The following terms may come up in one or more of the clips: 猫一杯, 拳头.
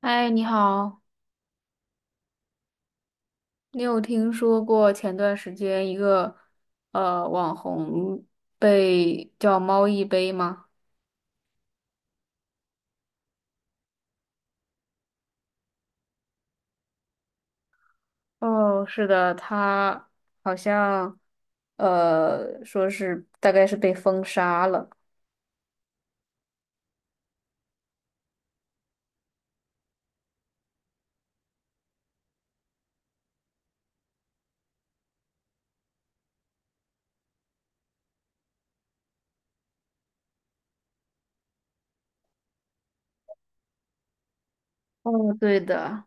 嗨，你好，你有听说过前段时间一个网红被叫猫一杯吗？哦，是的，他好像说是大概是被封杀了。哦，对的，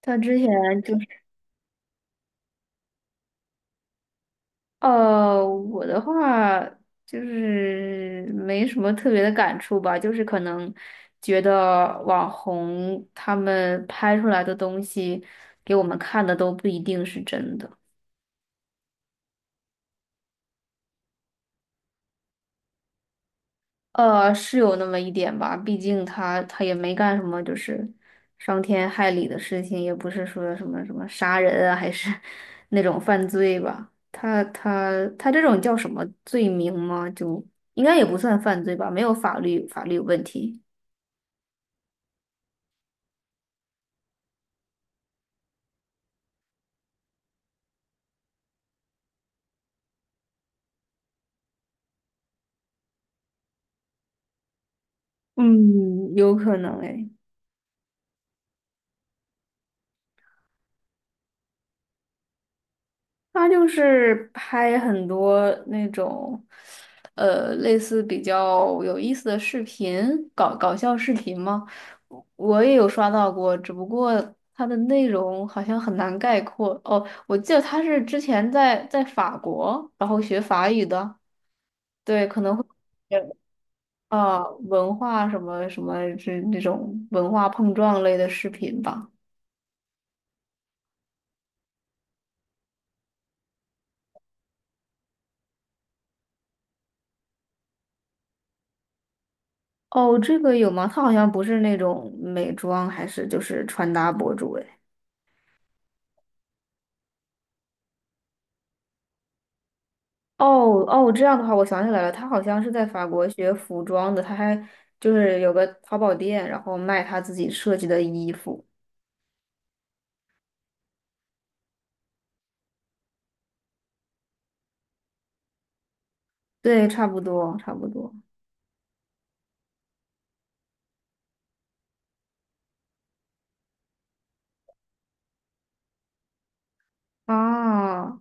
他之前就我的话就是没什么特别的感触吧，就是可能觉得网红他们拍出来的东西给我们看的都不一定是真的，呃，是有那么一点吧，毕竟他也没干什么就是伤天害理的事情，也不是说什么什么杀人啊，还是 那种犯罪吧，他这种叫什么罪名吗？就应该也不算犯罪吧，没有法律问题。嗯，有可能诶，他就是拍很多那种，呃，类似比较有意思的视频，搞笑视频嘛。我也有刷到过，只不过他的内容好像很难概括。哦，我记得他是之前在法国，然后学法语的，对，可能会呃啊，文化什么什么这种文化碰撞类的视频吧。哦，这个有吗？他好像不是那种美妆，还是就是穿搭博主哎。哦哦，这样的话，我想起来了，他好像是在法国学服装的，他还就是有个淘宝店，然后卖他自己设计的衣服。对，差不多，差不多。啊，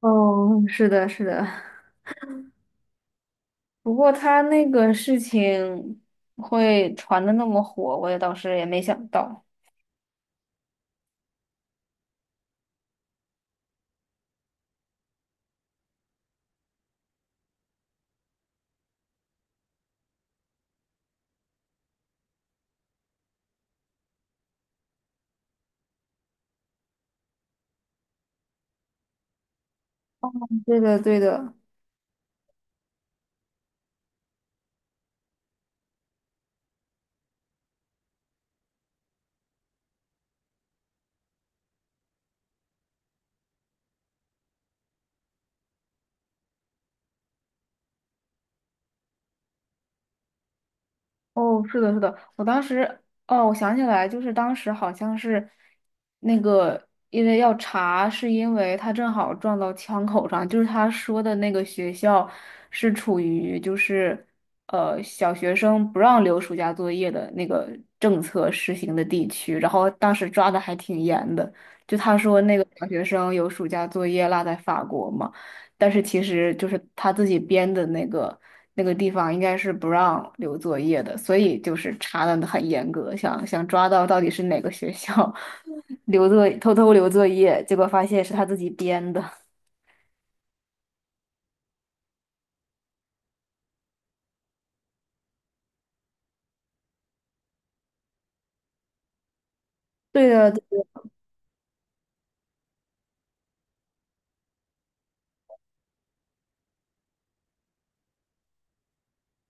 哦，是的，是的。不过他那个事情会传的那么火，我也当时也没想到。对的，对的。哦，是的，是的，我当时，哦，我想起来，就是当时好像是那个，因为要查，是因为他正好撞到枪口上，就是他说的那个学校是处于就是小学生不让留暑假作业的那个政策实行的地区，然后当时抓的还挺严的，就他说那个小学生有暑假作业落在法国嘛。但是其实就是他自己编的那个那个地方应该是不让留作业的，所以就是查的很严格，想想抓到底是哪个学校 留作偷偷留作业，结果发现是他自己编的。对的，对的。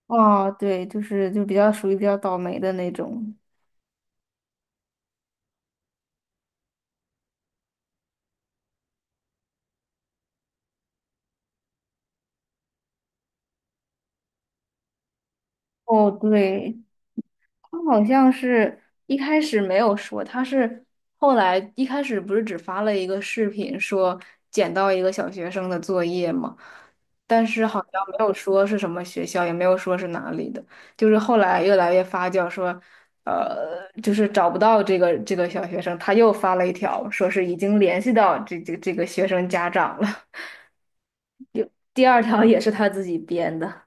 哦，对，就是就比较属于比较倒霉的那种。哦，对，他好像是一开始没有说，他是后来一开始不是只发了一个视频说捡到一个小学生的作业嘛，但是好像没有说是什么学校，也没有说是哪里的，就是后来越来越发酵说，呃，就是找不到这个小学生，他又发了一条说是已经联系到这个学生家长了，第二条也是他自己编的。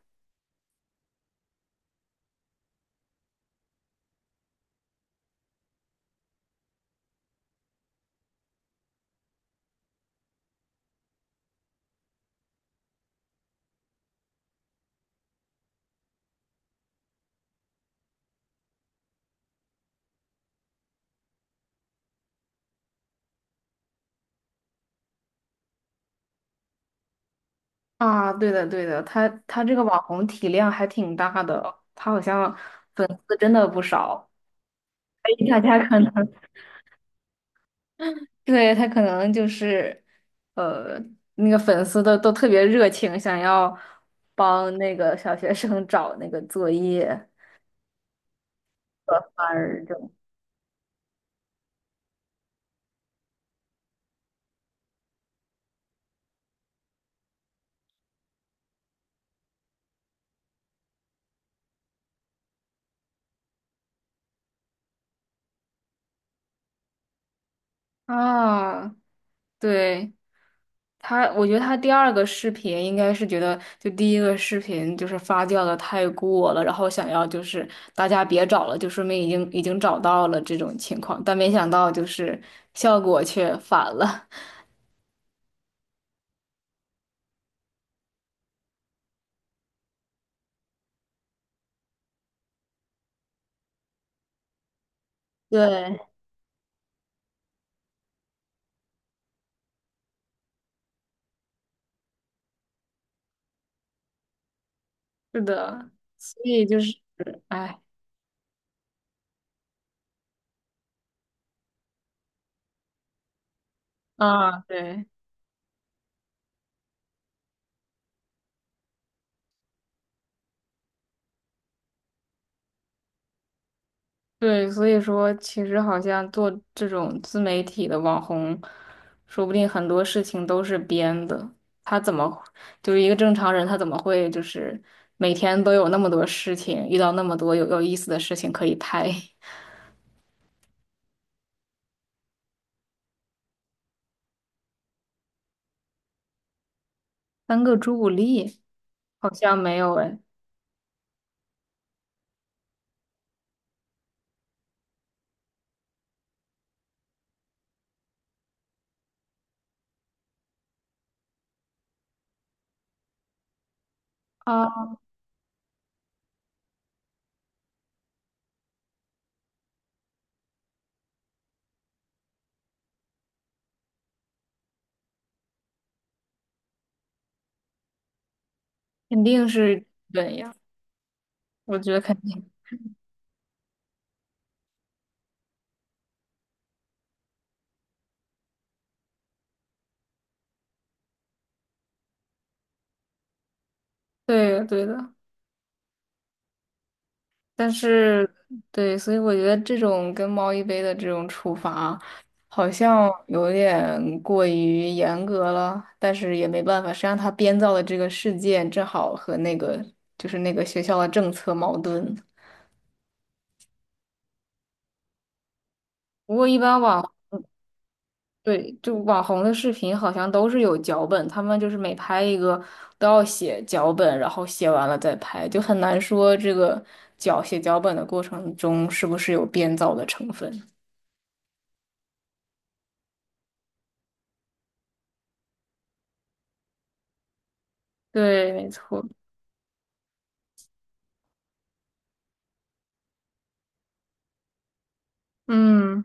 啊，对的，对的，他他这个网红体量还挺大的，他好像粉丝真的不少，所以大家可能，对，他可能就是，呃，那个粉丝都特别热情，想要帮那个小学生找那个作业、做番儿这种。啊，对，他，我觉得他第二个视频应该是觉得，就第一个视频就是发酵的太过了，然后想要就是大家别找了，就说明已经找到了这种情况，但没想到就是效果却反了。对，是的，所以就是，哎，啊，对。对，所以说其实好像做这种自媒体的网红，说不定很多事情都是编的。他怎么就是一个正常人，他怎么会就是每天都有那么多事情，遇到那么多有意思的事情可以拍？三个朱古力好像没有哎，啊，肯定是本呀，我觉得肯定对的对的。但是，对，所以我觉得这种跟猫一杯的这种处罚，好像有点过于严格了，但是也没办法，谁让他编造的这个事件正好和那个就是那个学校的政策矛盾。不过一般网，对，就网红的视频好像都是有脚本，他们就是每拍一个都要写脚本，然后写完了再拍，就很难说这个脚写脚本的过程中是不是有编造的成分。对，没错。嗯，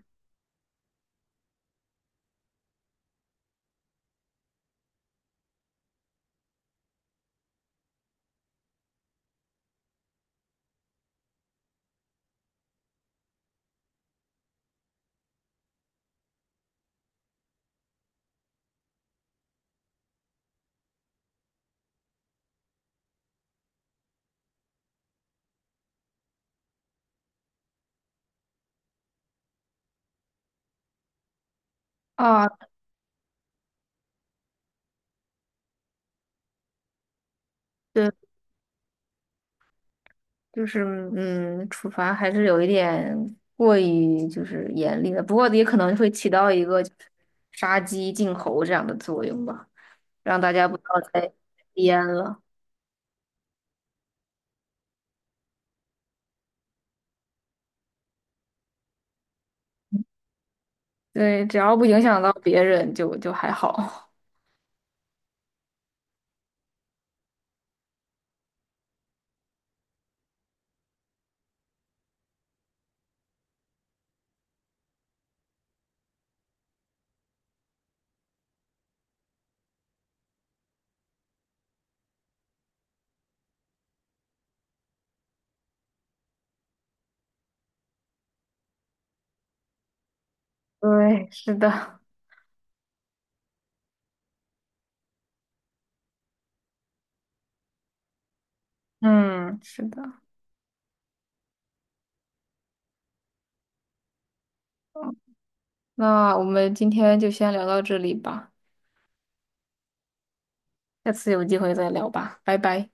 啊，对，就是嗯，处罚还是有一点过于就是严厉的，不过也可能会起到一个就是杀鸡儆猴这样的作用吧，让大家不要再编了。对，只要不影响到别人就，就还好。对，是的，嗯，是的。那我们今天就先聊到这里吧，下次有机会再聊吧，拜拜。